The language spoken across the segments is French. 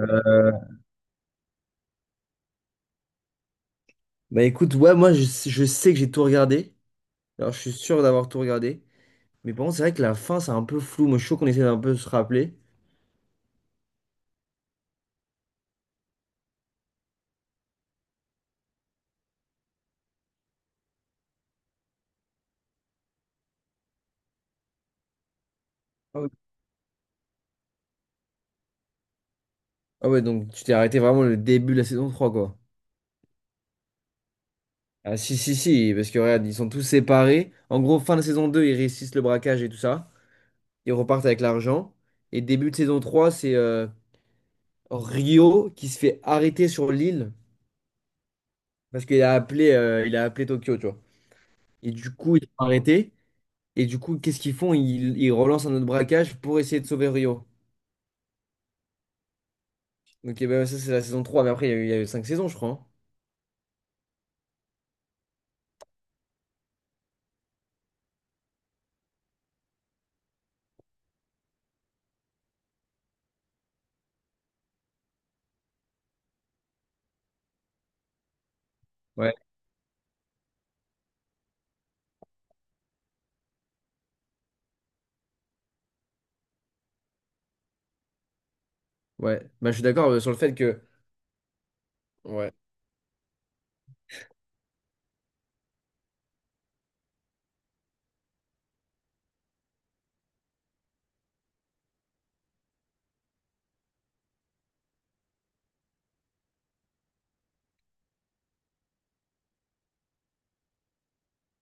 Euh, Bah écoute, ouais, moi je sais que j'ai tout regardé. Alors je suis sûr d'avoir tout regardé. Mais par contre, c'est vrai que la fin, c'est un peu flou. Moi, je suis chaud qu'on essaie d'un peu se rappeler. Ah oui. Ah ouais, donc tu t'es arrêté vraiment le début de la saison 3, quoi. Ah si, si, si, parce que regarde, ils sont tous séparés. En gros, fin de saison 2, ils réussissent le braquage et tout ça. Ils repartent avec l'argent. Et début de saison 3, c'est Rio qui se fait arrêter sur l'île parce qu'il a appelé, il a appelé Tokyo, tu vois. Et du coup, ils sont arrêtés. Et du coup, qu'est-ce qu'ils font? Ils relancent un autre braquage pour essayer de sauver Rio. Donc eh ben, ça, c'est la saison 3. Mais après, il y a eu 5 saisons, je crois, hein. Ouais. Ouais, bah, je suis d'accord sur le fait que. Ouais.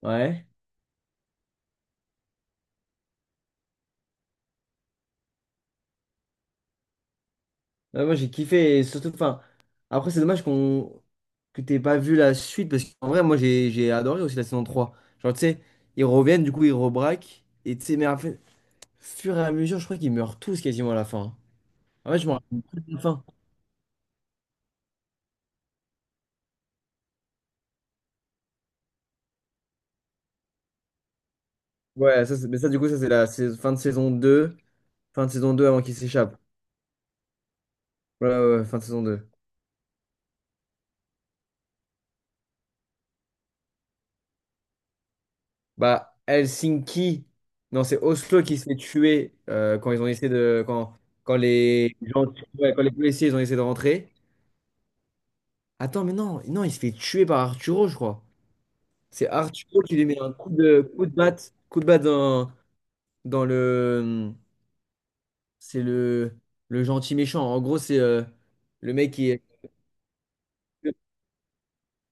Ouais. Ouais, moi, j'ai kiffé. Et surtout, enfin. Après, c'est dommage qu'on que t'aies pas vu la suite. Parce qu'en vrai, moi, j'ai adoré aussi la saison 3. Genre, tu sais, ils reviennent, du coup, ils rebraquent. Et tu sais, mais en fait, fur et à mesure, je crois qu'ils meurent tous quasiment à la fin, hein. En fait, je me rappelle plus de la fin. Ouais, mais ça, du coup, ça, c'est la fin de saison 2. Fin de saison 2 avant qu'ils s'échappent. Ouais, ouais, ouais, fin de saison deux. Bah, Helsinki, non, c'est Oslo qui se fait tuer quand ils ont essayé de. Quand les gens, ouais, quand les policiers ils ont essayé de rentrer. Attends, mais non, non, il se fait tuer par Arturo, je crois. C'est Arturo qui lui met un coup de batte dans le. C'est le gentil méchant. En gros, c'est le mec qui est.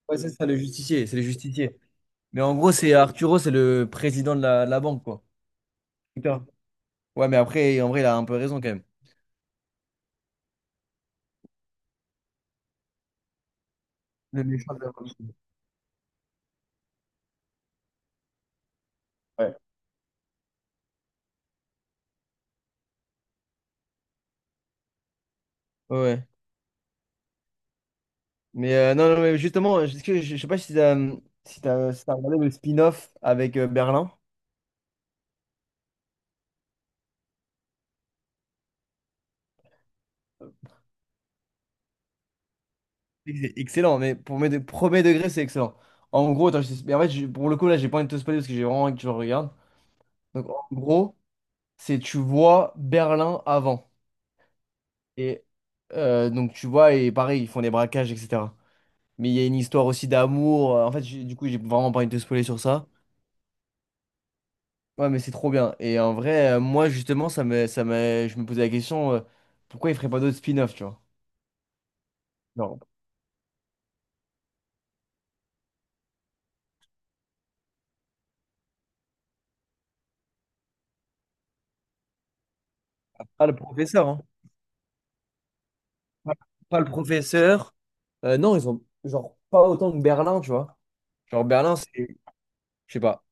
Ouais, c'est ça, le justicier. C'est le justicier. Mais en gros, c'est Arturo, c'est le président de la banque, quoi. Putain. Ouais, mais après, en vrai, il a un peu raison quand même. Le méchant de la Robin. Ouais. Ouais. Mais non, non, mais justement, je sais pas si t'as regardé le spin-off avec Berlin. C'est excellent, mais pour mes premier degré, c'est excellent. En gros, attends, mais en fait, pour le coup, là, j'ai pas envie de te spoiler parce que j'ai vraiment envie que tu le regardes. Donc, en gros, c'est tu vois Berlin avant. Et donc, tu vois, et pareil, ils font des braquages, etc. Mais il y a une histoire aussi d'amour. En fait, du coup, j'ai vraiment pas envie de te spoiler sur ça. Ouais, mais c'est trop bien. Et en vrai, moi, justement, je me posais la question, pourquoi ils feraient pas d'autres spin-off, tu vois? Non, pas le professeur, hein. Pas pas le professeur. Non, ils ont, genre, pas autant que Berlin, tu vois. Genre, Berlin, c'est, je sais pas.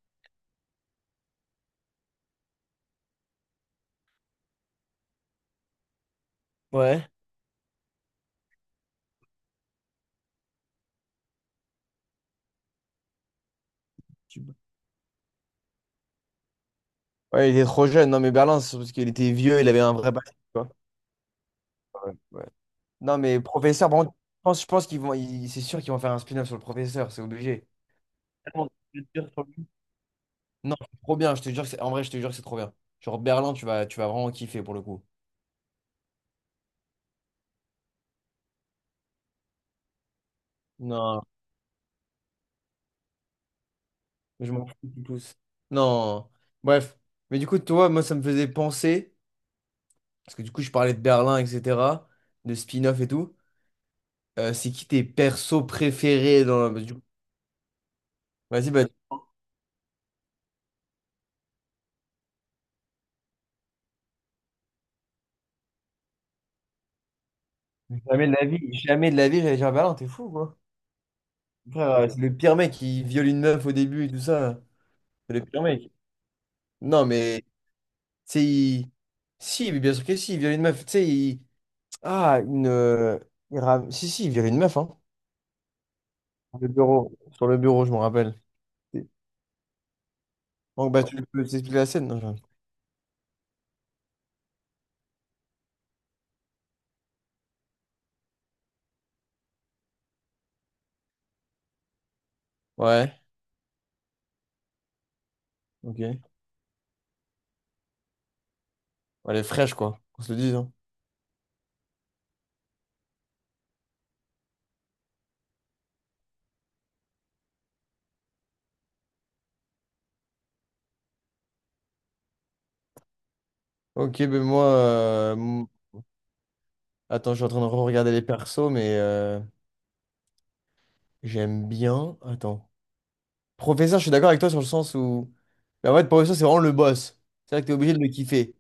Ouais. Je sais pas. Ouais, il était trop jeune. Non, mais Berlin, c'est parce qu'il était vieux, il avait un vrai passé, tu vois. Ouais, ouais. Non, mais professeur, par contre, je pense qu'ils vont, c'est sûr qu'ils vont faire un spin-off sur le professeur, c'est obligé. Tellement de culture sur lui. Non, c'est trop bien, je te jure que c'est... En vrai, je te jure que c'est trop bien. Genre Berlin, tu vas vraiment kiffer pour le coup. Non, je m'en fous du tout. Non. Bref. Mais du coup, toi, moi, ça me faisait penser, parce que du coup, je parlais de Berlin, etc., de spin-off et tout. C'est qui tes persos préférés dans la... parce que Vas-y, bah... Jamais de la vie, jamais de la vie, j'allais dire Berlin, t'es fou, quoi. Frère, c'est le pire mec qui viole une meuf au début et tout ça. C'est le pire mec. Non, mais, tu sais, Si, mais bien sûr que si, il viole une meuf, tu sais, il... Ah, une. Si, si, il virait une meuf, hein. Sur le bureau, je me rappelle. Franck, bah, tu peux t'expliquer la scène? Non, je... Ouais, ok. Elle est fraîche, quoi. On se le dise, hein. Ok, ben moi. Attends, je suis en train de regarder les persos, mais j'aime bien. Attends. Professeur, je suis d'accord avec toi sur le sens où. Bah, en fait, professeur, c'est vraiment le boss. C'est vrai que t'es obligé de le kiffer.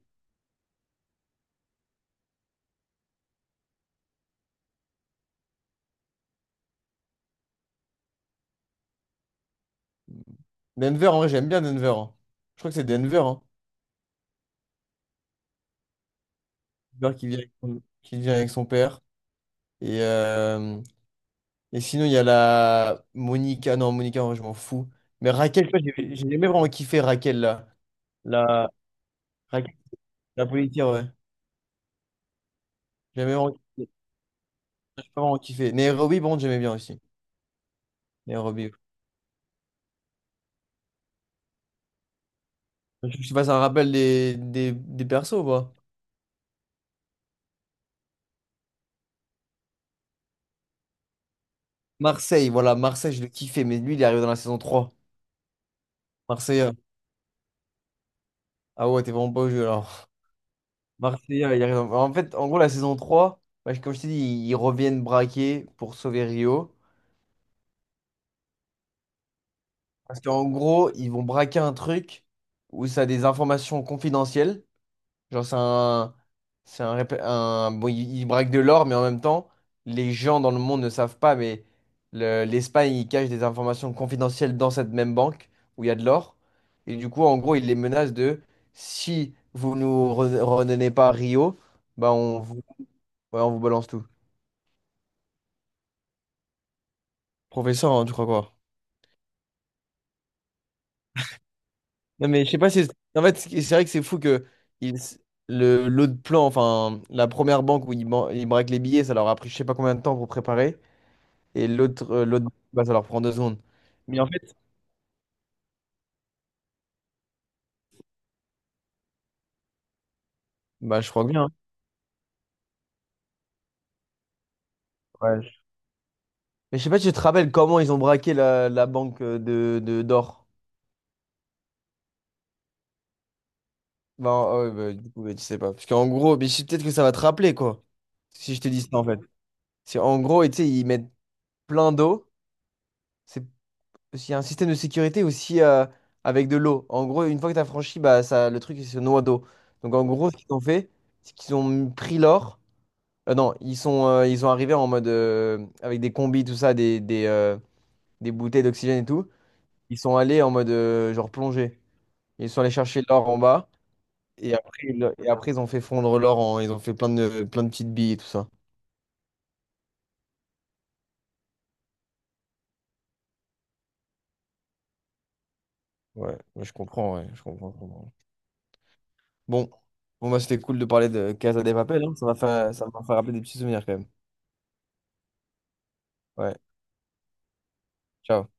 Denver, en vrai, j'aime bien Denver, hein. Je crois que c'est Denver, hein. Denver qui vient avec son... qui vient avec son père. Et. euh, Et sinon, il y a la Monica. Non, Monica, moi, je m'en fous. Mais Raquel, tu vois, j'ai jamais vraiment kiffé Raquel, là. La, Raquel, la policière, ouais. J'ai jamais vraiment, j'ai pas vraiment kiffé. Nairobi, bon, j'aimais bien aussi. Nairobi. Je sais pas, ça me rappelle des persos, ou pas Marseille, voilà, Marseille, je le kiffais, mais lui, il est arrivé dans la saison trois. Marseille, ah ouais, t'es vraiment pas au jeu, alors. Marseille, il arrive dans... En fait, en gros, la saison trois, bah, comme je t'ai dit, ils reviennent braquer pour sauver Rio. Parce qu'en gros, ils vont braquer un truc où ça a des informations confidentielles. Genre, c'est un. C'est un, bon, ils braquent de l'or, mais en même temps, les gens dans le monde ne savent pas, mais l'Espagne, ils cachent des informations confidentielles dans cette même banque où il y a de l'or. Et du coup, en gros, ils les menacent de si vous nous redonnez pas Rio, bah on vous, ouais, on vous balance tout. Professeur, hein, tu crois quoi? Non, mais je sais pas si. En fait, c'est vrai que c'est fou que ils- le, l'autre plan, enfin, la première banque où ils, ils braquent les billets, ça leur a pris je sais pas combien de temps pour préparer. Et l'autre, bah, ça leur prend 2 secondes. Mais en fait, bah, je crois bien. Ouais, je... Mais je sais pas si tu te rappelles comment ils ont braqué la banque de d'or. Ben, ah ouais, bah, du coup, bah, tu sais pas. Parce qu'en gros, mais je... peut-être que ça va te rappeler, quoi. Si je te dis ça, en fait. C'est en gros, et tu sais, ils mettent plein d'eau. C'est parce qu'il y a un système de sécurité aussi avec de l'eau. En gros, une fois que tu as franchi, bah, ça, le truc il se noie d'eau. Donc en gros, ce qu'ils ont fait, c'est qu'ils ont pris l'or. Non, ils sont arrivés en mode avec des combis, tout ça, des bouteilles d'oxygène et tout. Ils sont allés en mode genre plongée. Ils sont allés chercher l'or en bas. Et après, et après, ils ont fait fondre l'or en... Ils ont fait plein de petites billes et tout ça. Ouais, ouais, je comprends, je comprends. Bon, bon bah, c'était cool de parler de Casa de Papel, hein. Ça m'a fait rappeler des petits souvenirs quand même. Ouais. Ciao.